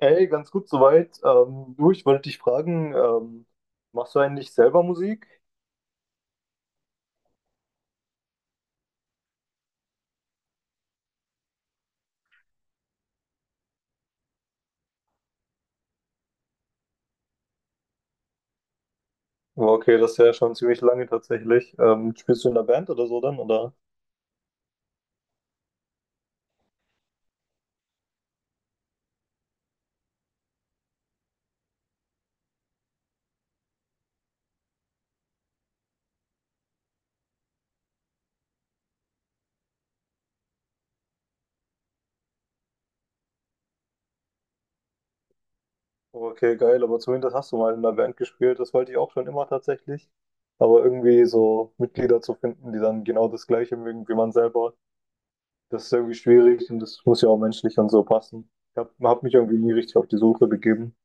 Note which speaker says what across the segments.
Speaker 1: Hey, ganz gut soweit. Du, ich wollte dich fragen, machst du eigentlich selber Musik? Oh, okay, das ist ja schon ziemlich lange tatsächlich. Spielst du in einer Band oder so dann, oder? Oh, okay, geil, aber zumindest hast du mal in einer Band gespielt. Das wollte ich auch schon immer tatsächlich. Aber irgendwie so Mitglieder zu finden, die dann genau das Gleiche mögen wie man selber, das ist irgendwie schwierig und das muss ja auch menschlich und so passen. Ich hab mich irgendwie nie richtig auf die Suche begeben.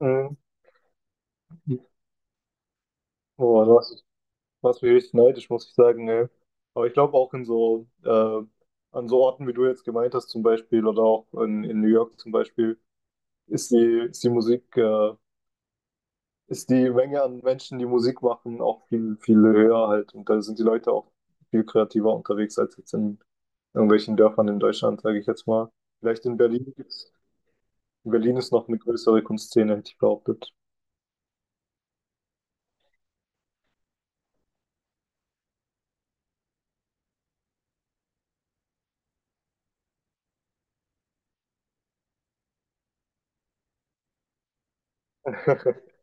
Speaker 1: Mhm. Oh, du hast was mich richtig neidisch, muss ich sagen, ne? Aber ich glaube auch in so, an so Orten, wie du jetzt gemeint hast, zum Beispiel, oder auch in New York zum Beispiel, ist die Musik, ist die Menge an Menschen, die Musik machen, auch viel, viel höher halt. Und da sind die Leute auch viel kreativer unterwegs als jetzt in irgendwelchen Dörfern in Deutschland, sage ich jetzt mal. Vielleicht in Berlin gibt's, in Berlin ist noch eine größere Kunstszene, hätte ich behauptet.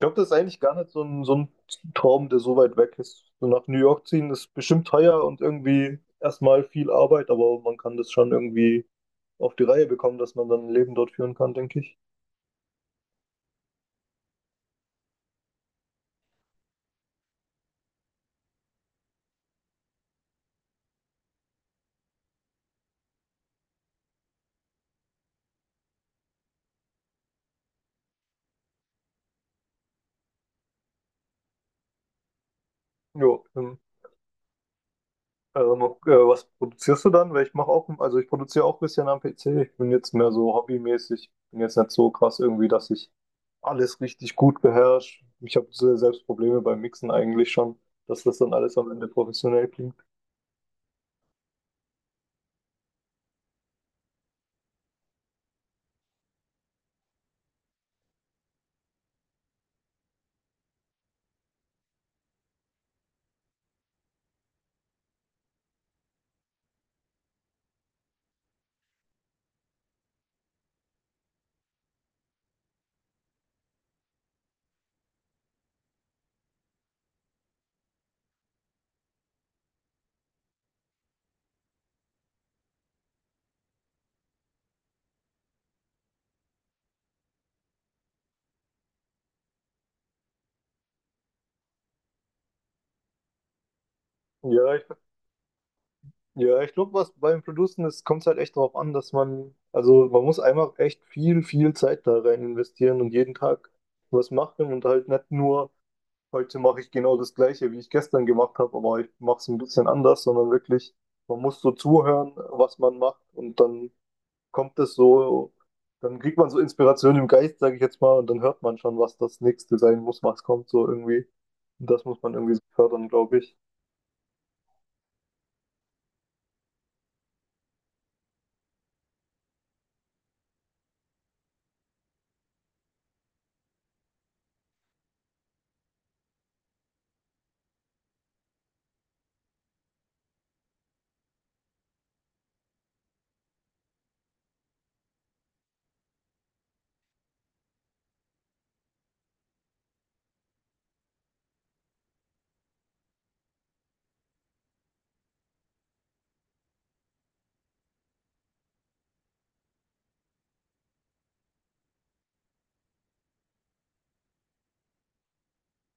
Speaker 1: Glaube, das ist eigentlich gar nicht so ein Traum, der so weit weg ist. So nach New York ziehen ist bestimmt teuer und irgendwie erstmal viel Arbeit, aber man kann das schon irgendwie auf die Reihe bekommen, dass man dann ein Leben dort führen kann, denke ich. Jo, was produzierst du dann? Weil ich mache auch, also ich produziere auch ein bisschen am PC. Ich bin jetzt mehr so hobbymäßig, bin jetzt nicht so krass irgendwie, dass ich alles richtig gut beherrsche. Ich habe selbst Probleme beim Mixen eigentlich schon, dass das dann alles am Ende professionell klingt. Ja, ich ja, ich glaube, was beim Producen ist, kommt es halt echt darauf an, dass man, also man muss einfach echt viel, viel Zeit da rein investieren und jeden Tag was machen und halt nicht nur, heute mache ich genau das Gleiche, wie ich gestern gemacht habe, aber ich mache es ein bisschen anders, sondern wirklich, man muss so zuhören, was man macht und dann kommt es so, dann kriegt man so Inspiration im Geist, sage ich jetzt mal, und dann hört man schon, was das nächste sein muss, was kommt so irgendwie. Und das muss man irgendwie so fördern, glaube ich.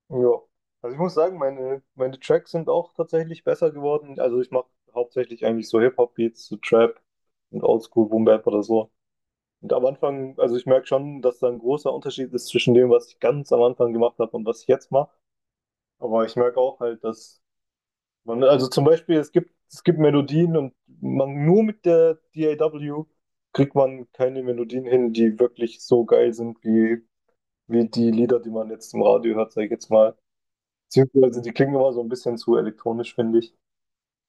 Speaker 1: Ja, also ich muss sagen, meine Tracks sind auch tatsächlich besser geworden. Also ich mache hauptsächlich eigentlich so Hip-Hop-Beats, so Trap und Oldschool Boom Bap oder so. Und am Anfang, also ich merke schon, dass da ein großer Unterschied ist zwischen dem, was ich ganz am Anfang gemacht habe und was ich jetzt mache. Aber ich merke auch halt, dass man, also zum Beispiel, es gibt Melodien und man nur mit der DAW kriegt man keine Melodien hin, die wirklich so geil sind wie, wie die Lieder, die man jetzt im Radio hört, sag ich jetzt mal. Beziehungsweise die klingen immer so ein bisschen zu elektronisch, finde ich.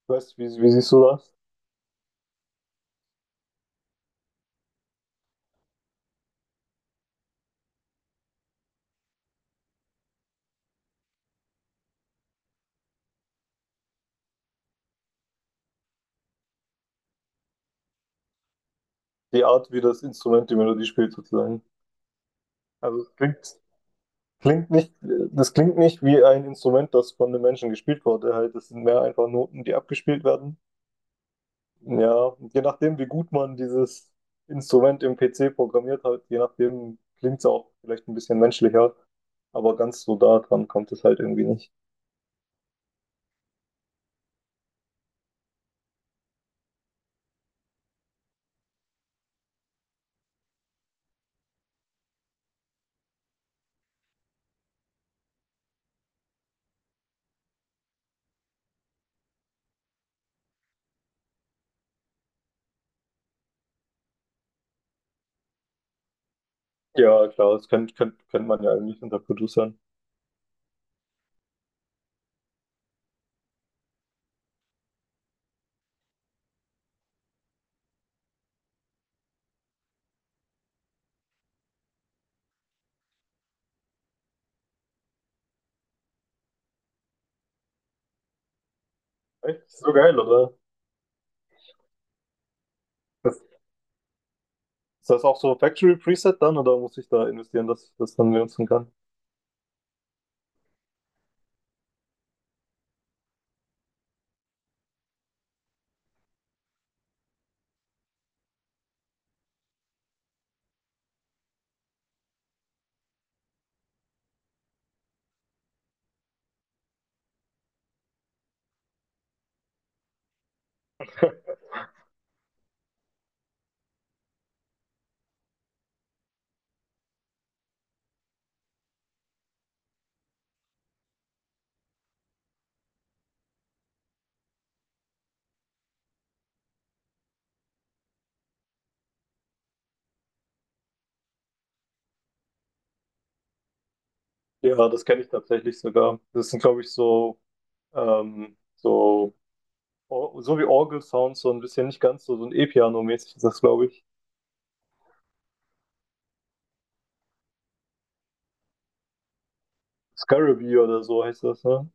Speaker 1: Weißt du, wie, wie siehst du das? Die Art, wie das Instrument die Melodie spielt, sozusagen. Also es klingt, klingt nicht, das klingt nicht wie ein Instrument, das von einem Menschen gespielt wurde. Halt, das sind mehr einfach Noten, die abgespielt werden. Ja, je nachdem, wie gut man dieses Instrument im PC programmiert hat, je nachdem klingt es auch vielleicht ein bisschen menschlicher. Aber ganz so da dran kommt es halt irgendwie nicht. Ja, klar, das kennt man ja eigentlich unter Producern. Echt? So geil, oder? Das ist das auch so Factory Preset dann oder muss ich da investieren, dass ich das dann benutzen kann? Ja, das kenne ich tatsächlich sogar. Das sind, glaube ich, so, so, so wie Orgel-Sounds, so ein bisschen nicht ganz so, so ein E-Piano-mäßig ist das, glaube ich. Scarabee oder so heißt das, ne?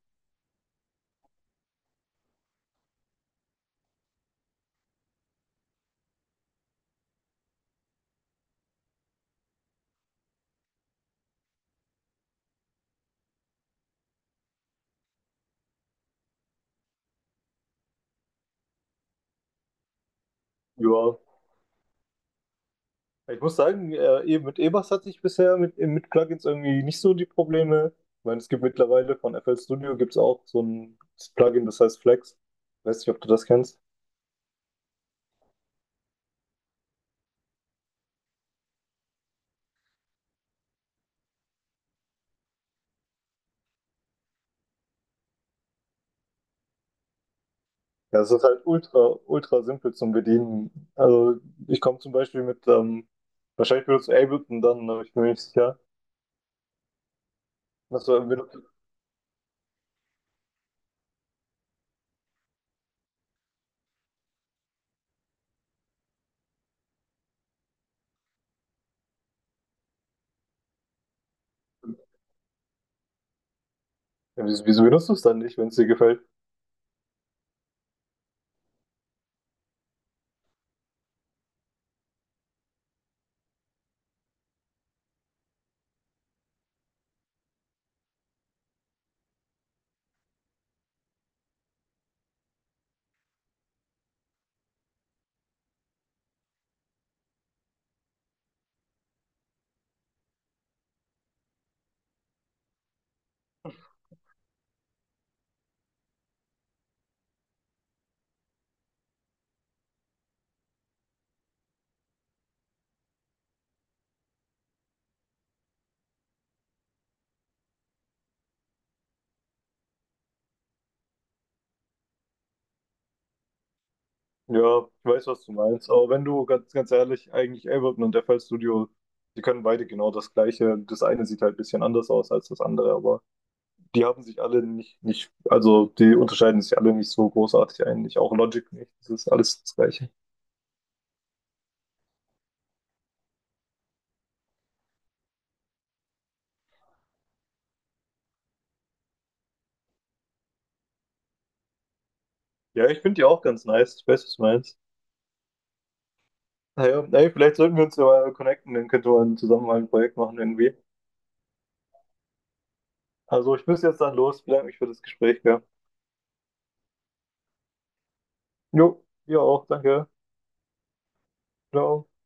Speaker 1: Ja. Ich muss sagen, eben mit E-Bass hatte ich bisher mit Plugins irgendwie nicht so die Probleme. Ich meine, es gibt mittlerweile von FL Studio gibt's auch so ein Plugin, das heißt Flex. Weiß nicht, ob du das kennst. Ja, es ist halt ultra, ultra simpel zum Bedienen. Also ich komme zum Beispiel mit, wahrscheinlich benutzt du Ableton dann, aber ich bin mir nicht sicher. Was, du- benutzt- ja, wieso benutzt du es dann nicht, wenn es dir gefällt? Ja, ich weiß, was du meinst. Aber wenn du ganz, ganz ehrlich, eigentlich Ableton und FL Studio, die können beide genau das Gleiche. Das eine sieht halt ein bisschen anders aus als das andere, aber die haben sich alle nicht, nicht, also die unterscheiden sich alle nicht so großartig eigentlich. Auch Logic nicht. Das ist alles das Gleiche. Ja, ich finde die auch ganz nice. Ich weiß, was du meinst. Naja, ey, vielleicht sollten wir uns ja mal connecten, dann könnte man zusammen mal ein Projekt machen irgendwie. Also ich muss jetzt dann los, bedanke mich für das Gespräch, gell? Jo, ihr auch, danke. Ciao.